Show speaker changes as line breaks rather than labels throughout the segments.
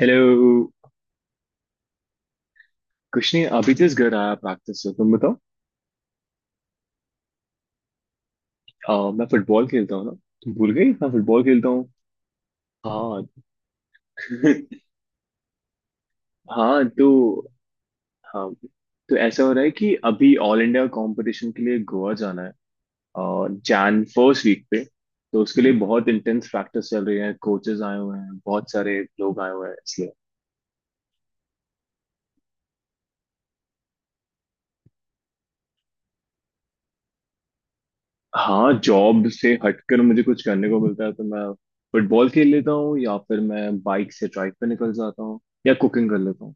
Hello. कुछ नहीं, अभी जस्ट घर आया प्रैक्टिस से। तुम बताओ। मैं फुटबॉल खेलता हूँ ना। तुम भूल गई, मैं फुटबॉल खेलता हूँ। हाँ। हाँ तो हाँ तो ऐसा हो रहा है कि अभी ऑल इंडिया कंपटीशन के लिए गोवा जाना है और जैन फर्स्ट वीक पे। तो उसके लिए बहुत इंटेंस प्रैक्टिस चल रही है, कोचेस आए हुए हैं, बहुत सारे लोग आए हुए हैं इसलिए। हाँ, जॉब से हटकर मुझे कुछ करने को मिलता है तो मैं फुटबॉल खेल लेता हूँ या फिर मैं बाइक से ट्राइक पे निकल जाता हूँ या कुकिंग कर लेता हूँ।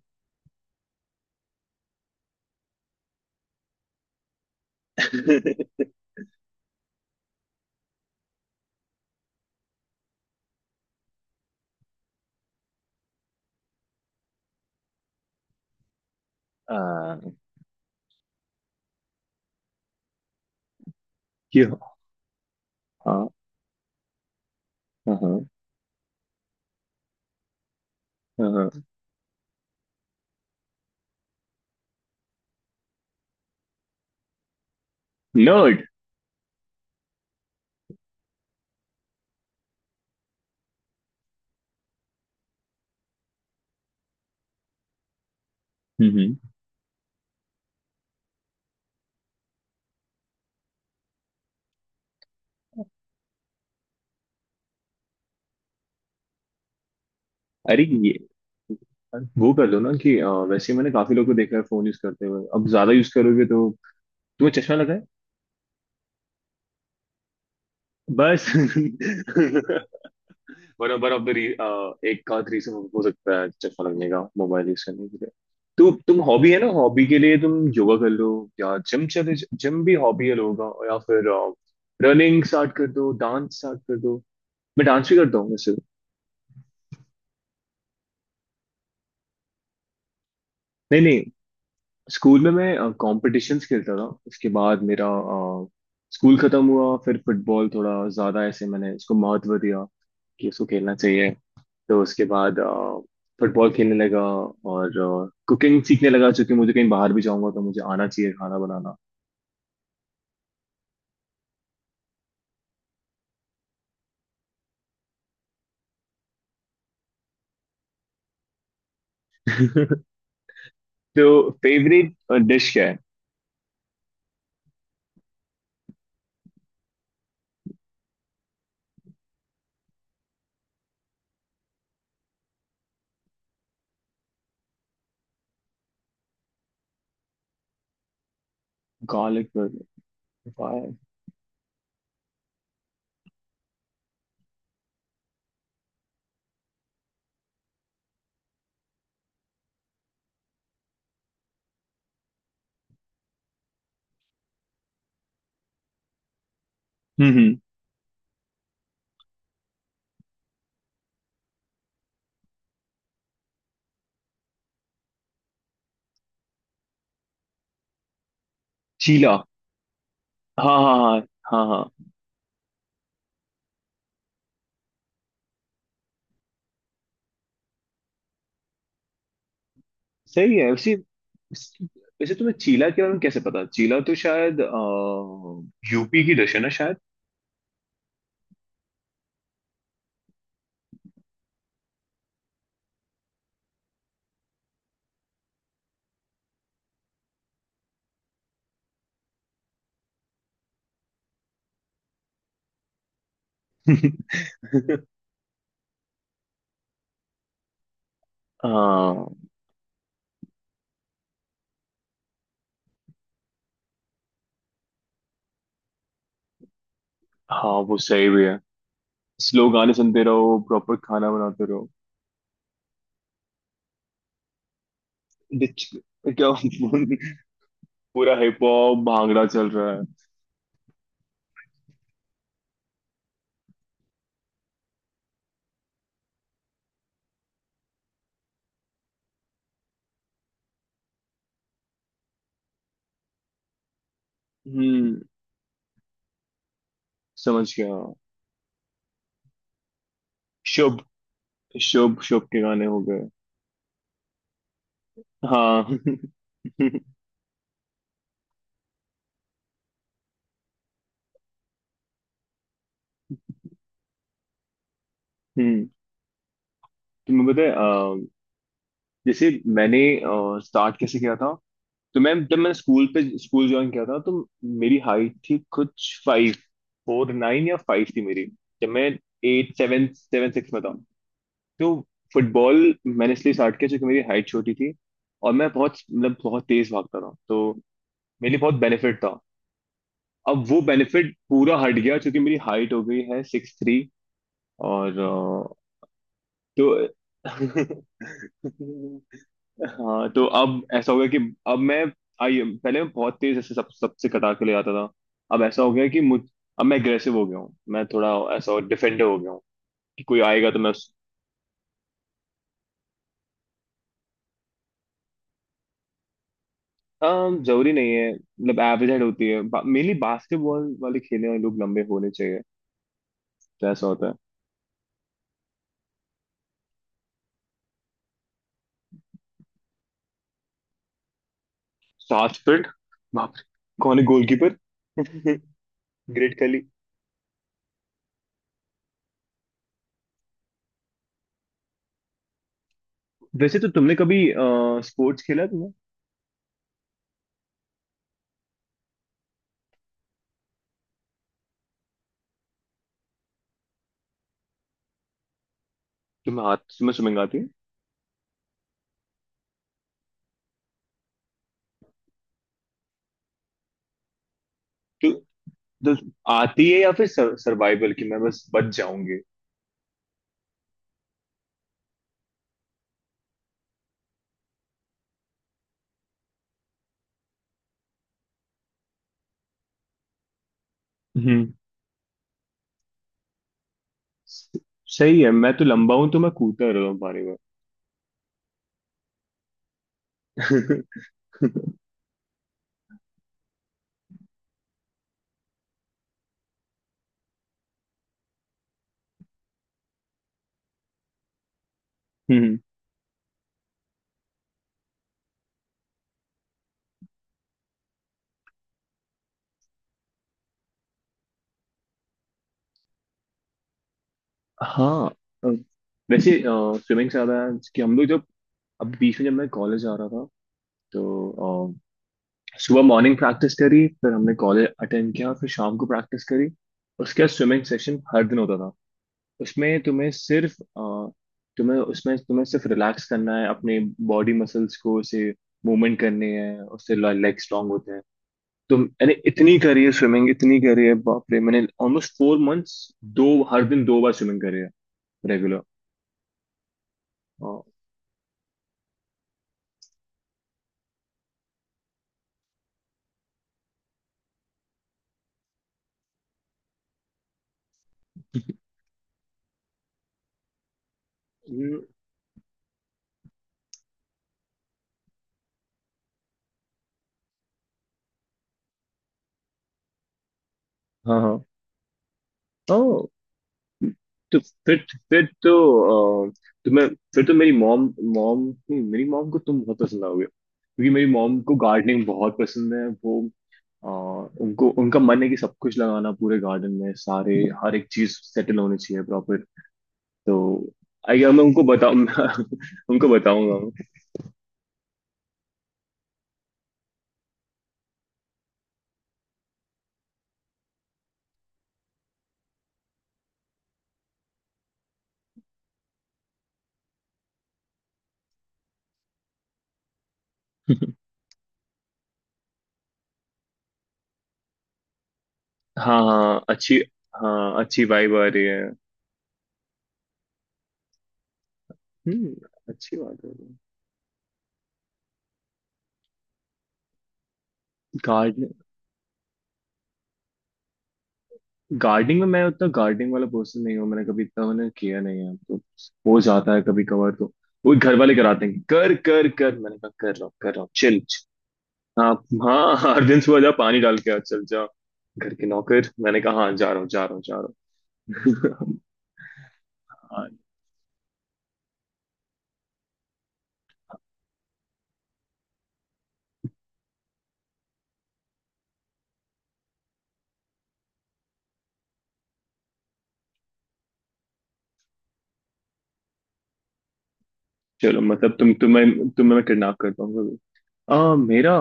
आ, क्यों? हाँ, हाँ, हाँ। नर्ड। हम्म। अरे ये, वो कर लो ना कि वैसे मैंने काफी लोगों को देखा है फोन यूज करते हुए। अब ज्यादा यूज करोगे तो तुम्हें चश्मा लगा है। बस। वन ऑफ ऑफ द, एक आध रीजन हो सकता है चश्मा लगने का, मोबाइल यूज करने के लिए। तो तुम, हॉबी है ना, हॉबी के लिए तुम योगा कर लो या जिम चले। जिम भी हॉबी है लोगों का, या फिर रनिंग स्टार्ट कर दो, डांस स्टार्ट कर दो। मैं डांस भी करता हूँ वैसे। नहीं, नहीं। स्कूल में मैं कॉम्पिटिशन्स खेलता था, उसके बाद मेरा स्कूल खत्म हुआ। फिर फुटबॉल थोड़ा ज़्यादा ऐसे मैंने उसको महत्व दिया कि उसको खेलना चाहिए। तो उसके बाद फुटबॉल खेलने लगा और कुकिंग सीखने लगा, चूंकि मुझे कहीं बाहर भी जाऊंगा तो मुझे आना चाहिए खाना बनाना। तो फेवरेट डिश क्या है? Garlic burger. हम्म। हम्म। चीला। हाँ, हाँ, हाँ, हाँ, हाँ। सही है वैसे। वैसे तुम्हें चीला के बारे में कैसे पता? चीला तो शायद यूपी की डिश है ना, शायद। हाँ। हाँ, वो सही भी है। स्लो गाने सुनते रहो, प्रॉपर खाना बनाते रहो। डिच- क्या? पूरा हिप हॉप भांगड़ा चल रहा है। हम्म। समझ गया। शुभ शुभ शुभ के गाने हो गए। हाँ। हम्म। तुम्हें पता है जैसे मैंने स्टार्ट कैसे किया था? तो मैम जब मैंने स्कूल पे स्कूल ज्वाइन किया था तो मेरी हाइट थी कुछ फाइव, फोर नाइन या फाइव थी मेरी, जब मैं एट सेवन सेवन सिक्स में था। तो फुटबॉल मैंने इसलिए स्टार्ट किया क्योंकि मेरी हाइट छोटी थी और मैं बहुत, मतलब बहुत तेज भागता था, तो मेरे लिए बहुत बेनिफिट था। अब वो बेनिफिट पूरा हट गया क्योंकि मेरी हाइट हो गई है सिक्स थ्री। और तो हाँ, तो अब ऐसा हो गया कि अब मैं, आई पहले मैं बहुत तेज ऐसे सब सबसे कटा के ले आता था। अब ऐसा हो गया कि मुझ, अब मैं एग्रेसिव हो गया हूँ, मैं थोड़ा ऐसा डिफेंडर हो गया हूँ कि कोई आएगा तो मैं उस- जरूरी नहीं है, मतलब एवरेज हाइट होती है, मेनली बास्केटबॉल वाले खेलने वाले लोग लंबे होने चाहिए, तो ऐसा होता है। 7 फीट? बाप रे। कौन है, गोलकीपर? ग्रेट खली। वैसे तो तुमने कभी स्पोर्ट्स खेला है तुमने? तुम्हें स्विमिंग आती है? तो आती है या फिर सर्वाइवल की मैं बस बच जाऊंगी? हम्म। सही है, मैं तो लंबा हूं तो मैं कूदता रह रहा हूँ पानी में। हम्म। हाँ अ, वैसे स्विमिंग से ज्यादा कि हम लोग जब, अब बीच में जब मैं कॉलेज आ रहा था तो अ, सुबह मॉर्निंग प्रैक्टिस करी, फिर हमने कॉलेज अटेंड किया, फिर शाम को प्रैक्टिस करी, उसके बाद स्विमिंग सेशन हर दिन होता था। उसमें तुम्हें सिर्फ अ, तुम्हें उसमें तुम्हें सिर्फ रिलैक्स करना है अपने बॉडी मसल्स को, उसे मूवमेंट करने हैं, उससे लेग स्ट्रांग होते हैं। तुम यानी इतनी करी है स्विमिंग, इतनी करी है बाप रे, मैंने ऑलमोस्ट 4 मंथ्स, दो, हर दिन दो बार स्विमिंग करी है रेगुलर। हाँ। हाँ, हाँ। तो फिर फिर तो अ, तुम्हें, फिर तो मेरी मॉम मॉम नहीं, मेरी मॉम को तुम बहुत पसंद आओगे क्योंकि मेरी मॉम को गार्डनिंग बहुत पसंद है। वो अ, उनको, उनका मन है कि सब कुछ लगाना पूरे गार्डन में, सारे हर एक चीज सेटल होनी चाहिए प्रॉपर। तो आई गेस मैं उनको बताऊँ। उनको बताऊंगा मैं। हाँ, हाँ, अच्छी। हाँ, अच्छी वाइब आ रही है। हम्म। अच्छी बात है। गार्डन, गार्डनिंग में मैं उतना गार्डनिंग वाला पर्सन नहीं हूँ, मैंने कभी इतना मैंने किया नहीं है, तो हो जाता है कभी कभार। तो वो घर वाले कराते हैं कि कर कर कर, मैंने कहा कर रहा हूँ, कर रहा हूँ, चिल। हाँ। हाँ, हर दिन सुबह जा, पानी डाल के आ, चल जा। घर के नौकर। मैंने कहा हाँ, जा रहा हूँ, जा रहा हूँ, जा रहा हूँ। हाँ। चलो, मतलब तुम्हें मैं किडनैप करता हूँ कभी। मेरा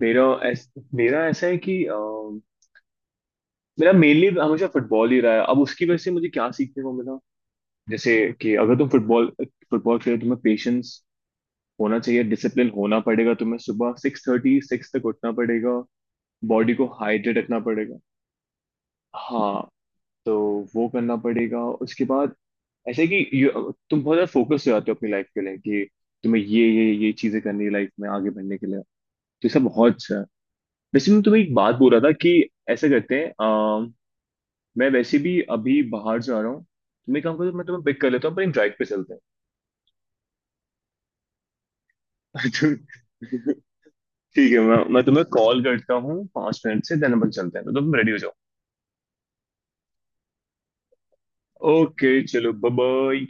मेरा ऐस, मेरा ऐसा है कि मेरा मेनली हमेशा फुटबॉल ही रहा है। अब उसकी वजह से मुझे क्या सीखने को मिला जैसे कि, अगर तुम फुटबॉल फुटबॉल खेलो, तुम्हें पेशेंस होना चाहिए, डिसिप्लिन होना पड़ेगा, तुम्हें सुबह सिक्स थर्टी सिक्स तक उठना पड़ेगा, बॉडी को हाइड्रेट रखना पड़ेगा। हाँ, तो वो करना पड़ेगा। उसके बाद ऐसे कि तुम बहुत ज्यादा फोकस हो जाते हो अपनी लाइफ के लिए कि तुम्हें ये चीजें करनी है लाइफ में आगे बढ़ने के लिए, तो ये सब बहुत अच्छा है। वैसे मैं तुम्हें एक बात बोल रहा था कि ऐसा करते हैं, मैं वैसे भी अभी बाहर जा रहा हूँ, तुम्हें काम करो, मैं तुम्हें पिक कर लेता हूँ, पर ड्राइव पे चलते हैं। ठीक है, मैं तुम्हें कॉल करता हूँ 5 मिनट से, देन अपन चलते हैं, तो तुम रेडी हो जाओ। ओके, चलो, बाय।